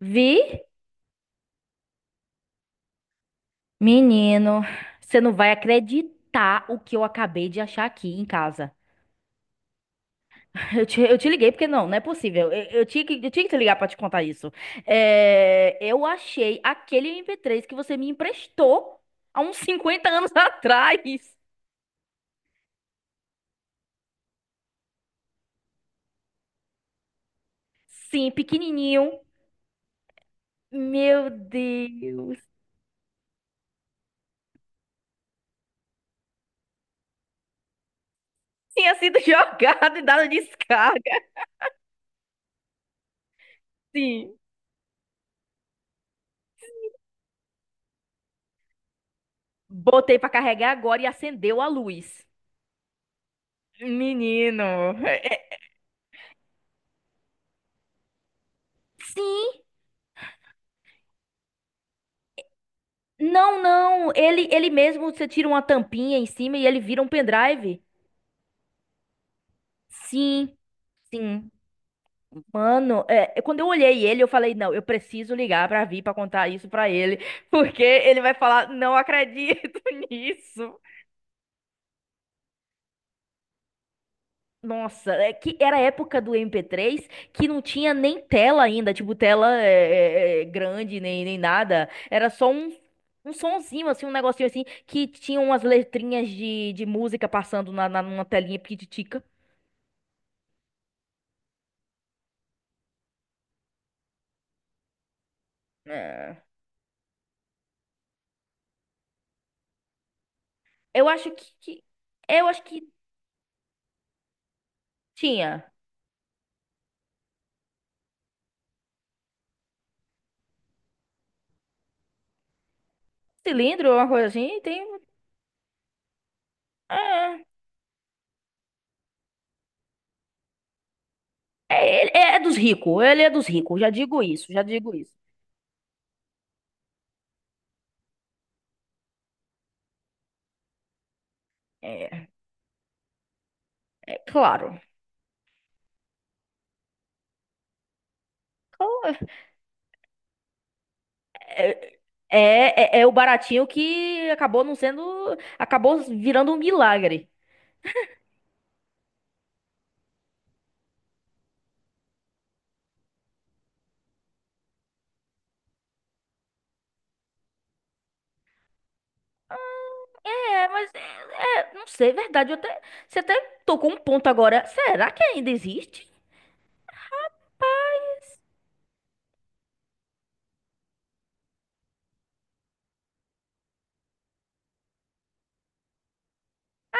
Vi? Menino, você não vai acreditar o que eu acabei de achar aqui em casa. Eu te liguei porque não é possível. Eu tinha que te ligar pra te contar isso. É, eu achei aquele MP3 que você me emprestou há uns 50 anos atrás. Sim, pequenininho. Meu Deus. Tinha sido jogado e dado descarga. Sim. Botei pra carregar agora e acendeu a luz. Menino. é- é- Sim. Não, não. Ele mesmo, você tira uma tampinha em cima e ele vira um pendrive. Sim, sim. Mano, quando eu olhei ele, eu falei, não, eu preciso ligar pra vir pra contar isso pra ele, porque ele vai falar, não acredito nisso. Nossa, é que era a época do MP3, que não tinha nem tela ainda, tipo, tela grande, nem nada. Era só um sonzinho, assim, um negocinho assim, que tinha umas letrinhas de música passando numa telinha pititica. É. Eu acho que, que- eu acho que tinha cilindro, uma coisa assim, tem um, é, ele é dos ricos, ele é dos ricos, já digo isso, já digo isso. É, é claro. Claro. É, é o baratinho que acabou não sendo, acabou virando um milagre. Ah, é, mas é, não sei, é verdade, você até tocou um ponto agora. Será que ainda existe?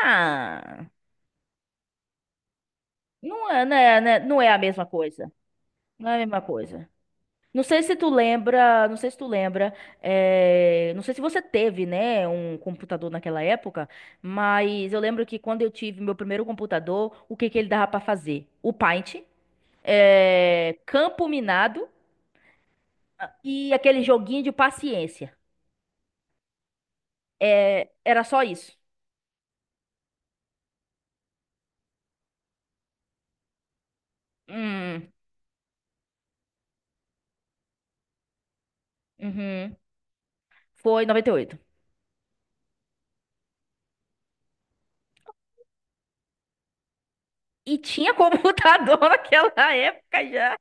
Ah, não é, não é a mesma coisa. Não é a mesma coisa. Não sei se tu lembra, não sei se você teve, né, um computador naquela época, mas eu lembro que quando eu tive meu primeiro computador, o que que ele dava pra fazer? O Paint, campo minado, e aquele joguinho de paciência. Era só isso. Hum, uhum. Foi 98. E oito. E tinha computador naquela época já.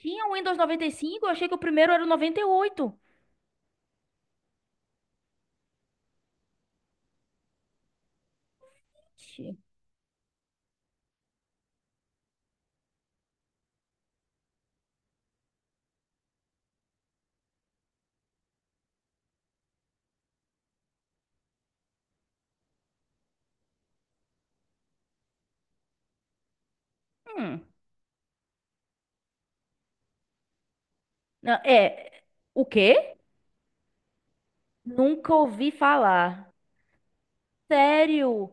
Tinha o Windows 95, eu achei que o primeiro era o 98. Hum. Não, é, o quê? Nunca ouvi falar. Sério?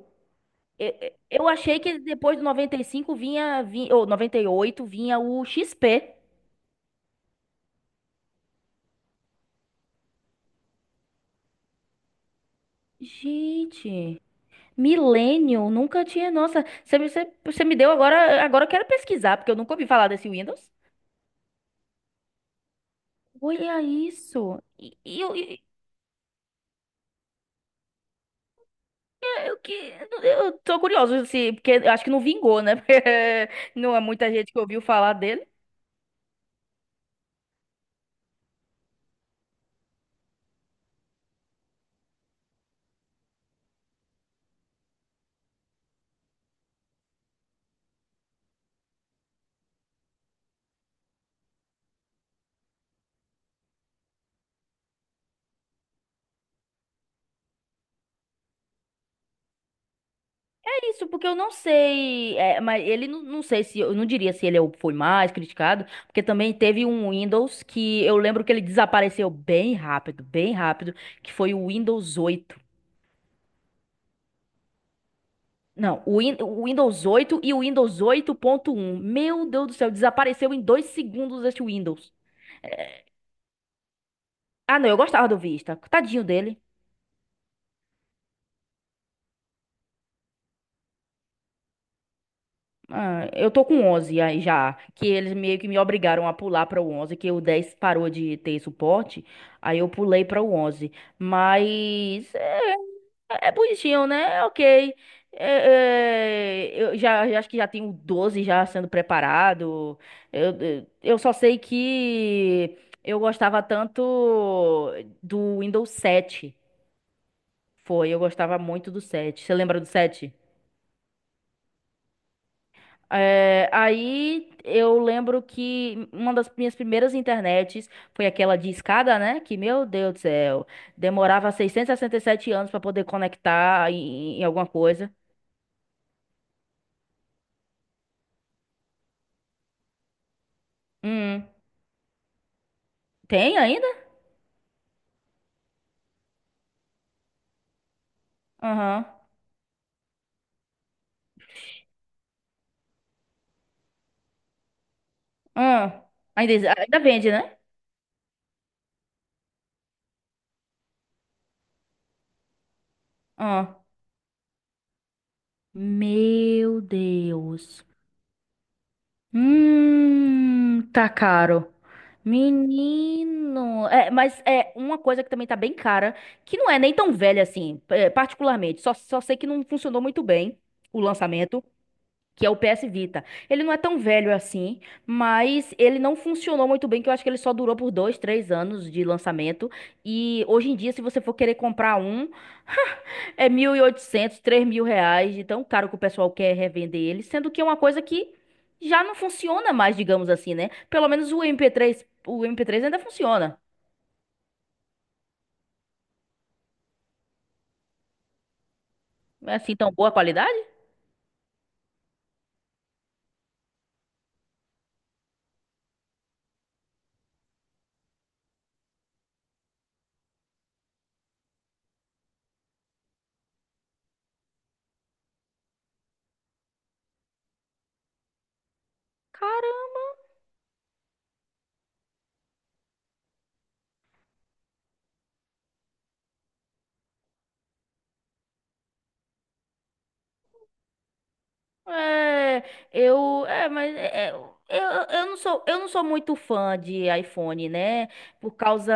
Eu, eu achei que depois do 95 vinha, ou 98 vinha o XP. Gente, Millennium, nunca tinha. Nossa, você me deu agora. Agora eu quero pesquisar, porque eu nunca ouvi falar desse Windows. Olha isso. E eu, que, eu tô curioso, se, porque eu acho que não vingou, né? Porque não é muita gente que ouviu falar. É isso, porque eu não sei, mas ele não, não sei se, eu não diria se foi mais criticado, porque também teve um Windows que eu lembro que ele desapareceu bem rápido, que foi o Windows 8. Não, o Windows 8 e o Windows 8.1. Meu Deus do céu, desapareceu em dois segundos esse Windows. Ah, não, eu gostava do Vista. Tadinho dele. Ah, eu tô com 11 aí já, que eles meio que me obrigaram a pular para o 11, que o 10 parou de ter suporte, aí eu pulei para o 11. Mas é bonitinho, né? É ok. É, eu já acho que já tenho o 12 já sendo preparado. Eu só sei que eu gostava tanto do Windows sete. Foi, eu gostava muito do sete. Você lembra do sete? É, aí eu lembro que uma das minhas primeiras internets foi aquela de escada, né? Que, meu Deus do céu, demorava 667 anos pra poder conectar em alguma coisa. Hum, tem ainda? Aham. Hum, ainda, ainda vende, né? Hum. Meu Deus. Tá caro. Menino, é, mas é uma coisa que também tá bem cara, que não é nem tão velha assim, particularmente. Só sei que não funcionou muito bem o lançamento, que é o PS Vita. Ele não é tão velho assim, mas ele não funcionou muito bem, que eu acho que ele só durou por dois, três anos de lançamento. E hoje em dia, se você for querer comprar um, é 1.800, R$ 3.000, de tão caro que o pessoal quer revender ele, sendo que é uma coisa que já não funciona mais, digamos assim, né? Pelo menos o mp três ainda funciona. Não é assim tão boa qualidade? É, mas eu, eu não sou muito fã de iPhone, né? Por causa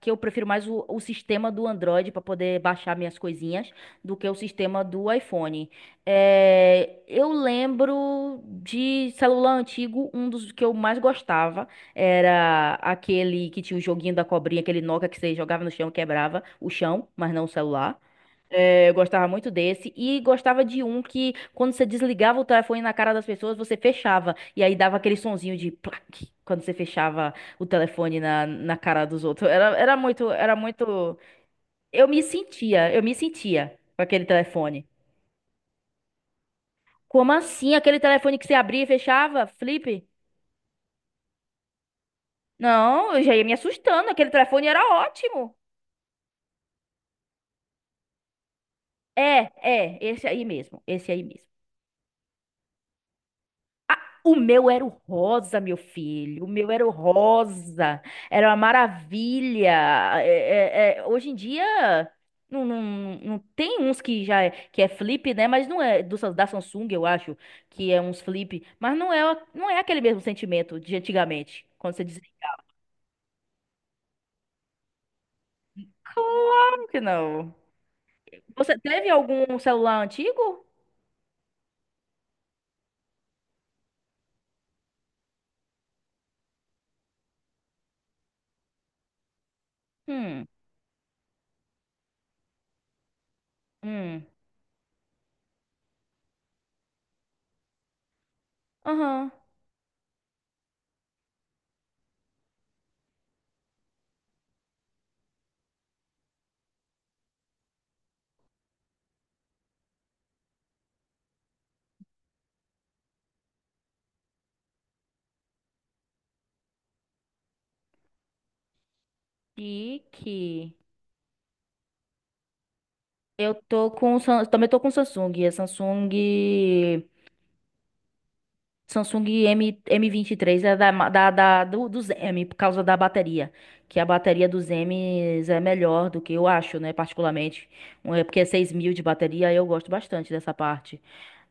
que eu prefiro mais o sistema do Android para poder baixar minhas coisinhas do que o sistema do iPhone. É, eu lembro de celular antigo. Um dos que eu mais gostava era aquele que tinha o joguinho da cobrinha, aquele Nokia que você jogava no chão e quebrava o chão, mas não o celular. É, eu gostava muito desse, e gostava de um que, quando você desligava o telefone na cara das pessoas, você fechava e aí dava aquele sonzinho de plaque quando você fechava o telefone na cara dos outros. Era muito, era muito. Eu me sentia com aquele telefone. Como assim? Aquele telefone que você abria e fechava? Flip? Não, eu já ia me assustando. Aquele telefone era ótimo. Esse aí mesmo, esse aí mesmo. O meu era o rosa, meu filho. O meu era o rosa. Era uma maravilha. Hoje em dia não, não, não tem uns que que é flip, né? Mas não é da Samsung, eu acho, que é uns flip. Mas não é aquele mesmo sentimento de antigamente. Quando você dizia, claro que não. Você teve algum celular antigo? Hum, hum. Aham. Chique. Eu tô com. Também tô com Samsung. É Samsung. Samsung M, M23, é da, ma- da, da, do, do M, por causa da bateria. Que a bateria dos M's é melhor, do que eu acho, né? Particularmente. É porque é 6.000 de bateria, eu gosto bastante dessa parte.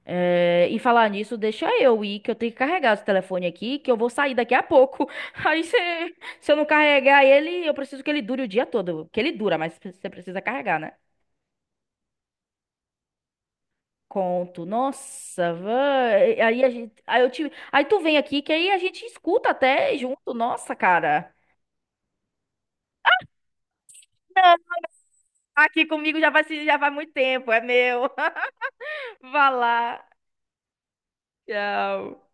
É, e falar nisso, deixa eu ir, que eu tenho que carregar esse telefone aqui, que eu vou sair daqui a pouco. Aí se eu não carregar ele, eu preciso que ele dure o dia todo. Que ele dura, mas você precisa carregar, né? Conto, nossa, vai. Aí tu vem aqui que aí a gente escuta até junto, nossa, cara. Não, aqui comigo já vai se já vai muito tempo, é meu. Vá lá. Tchau.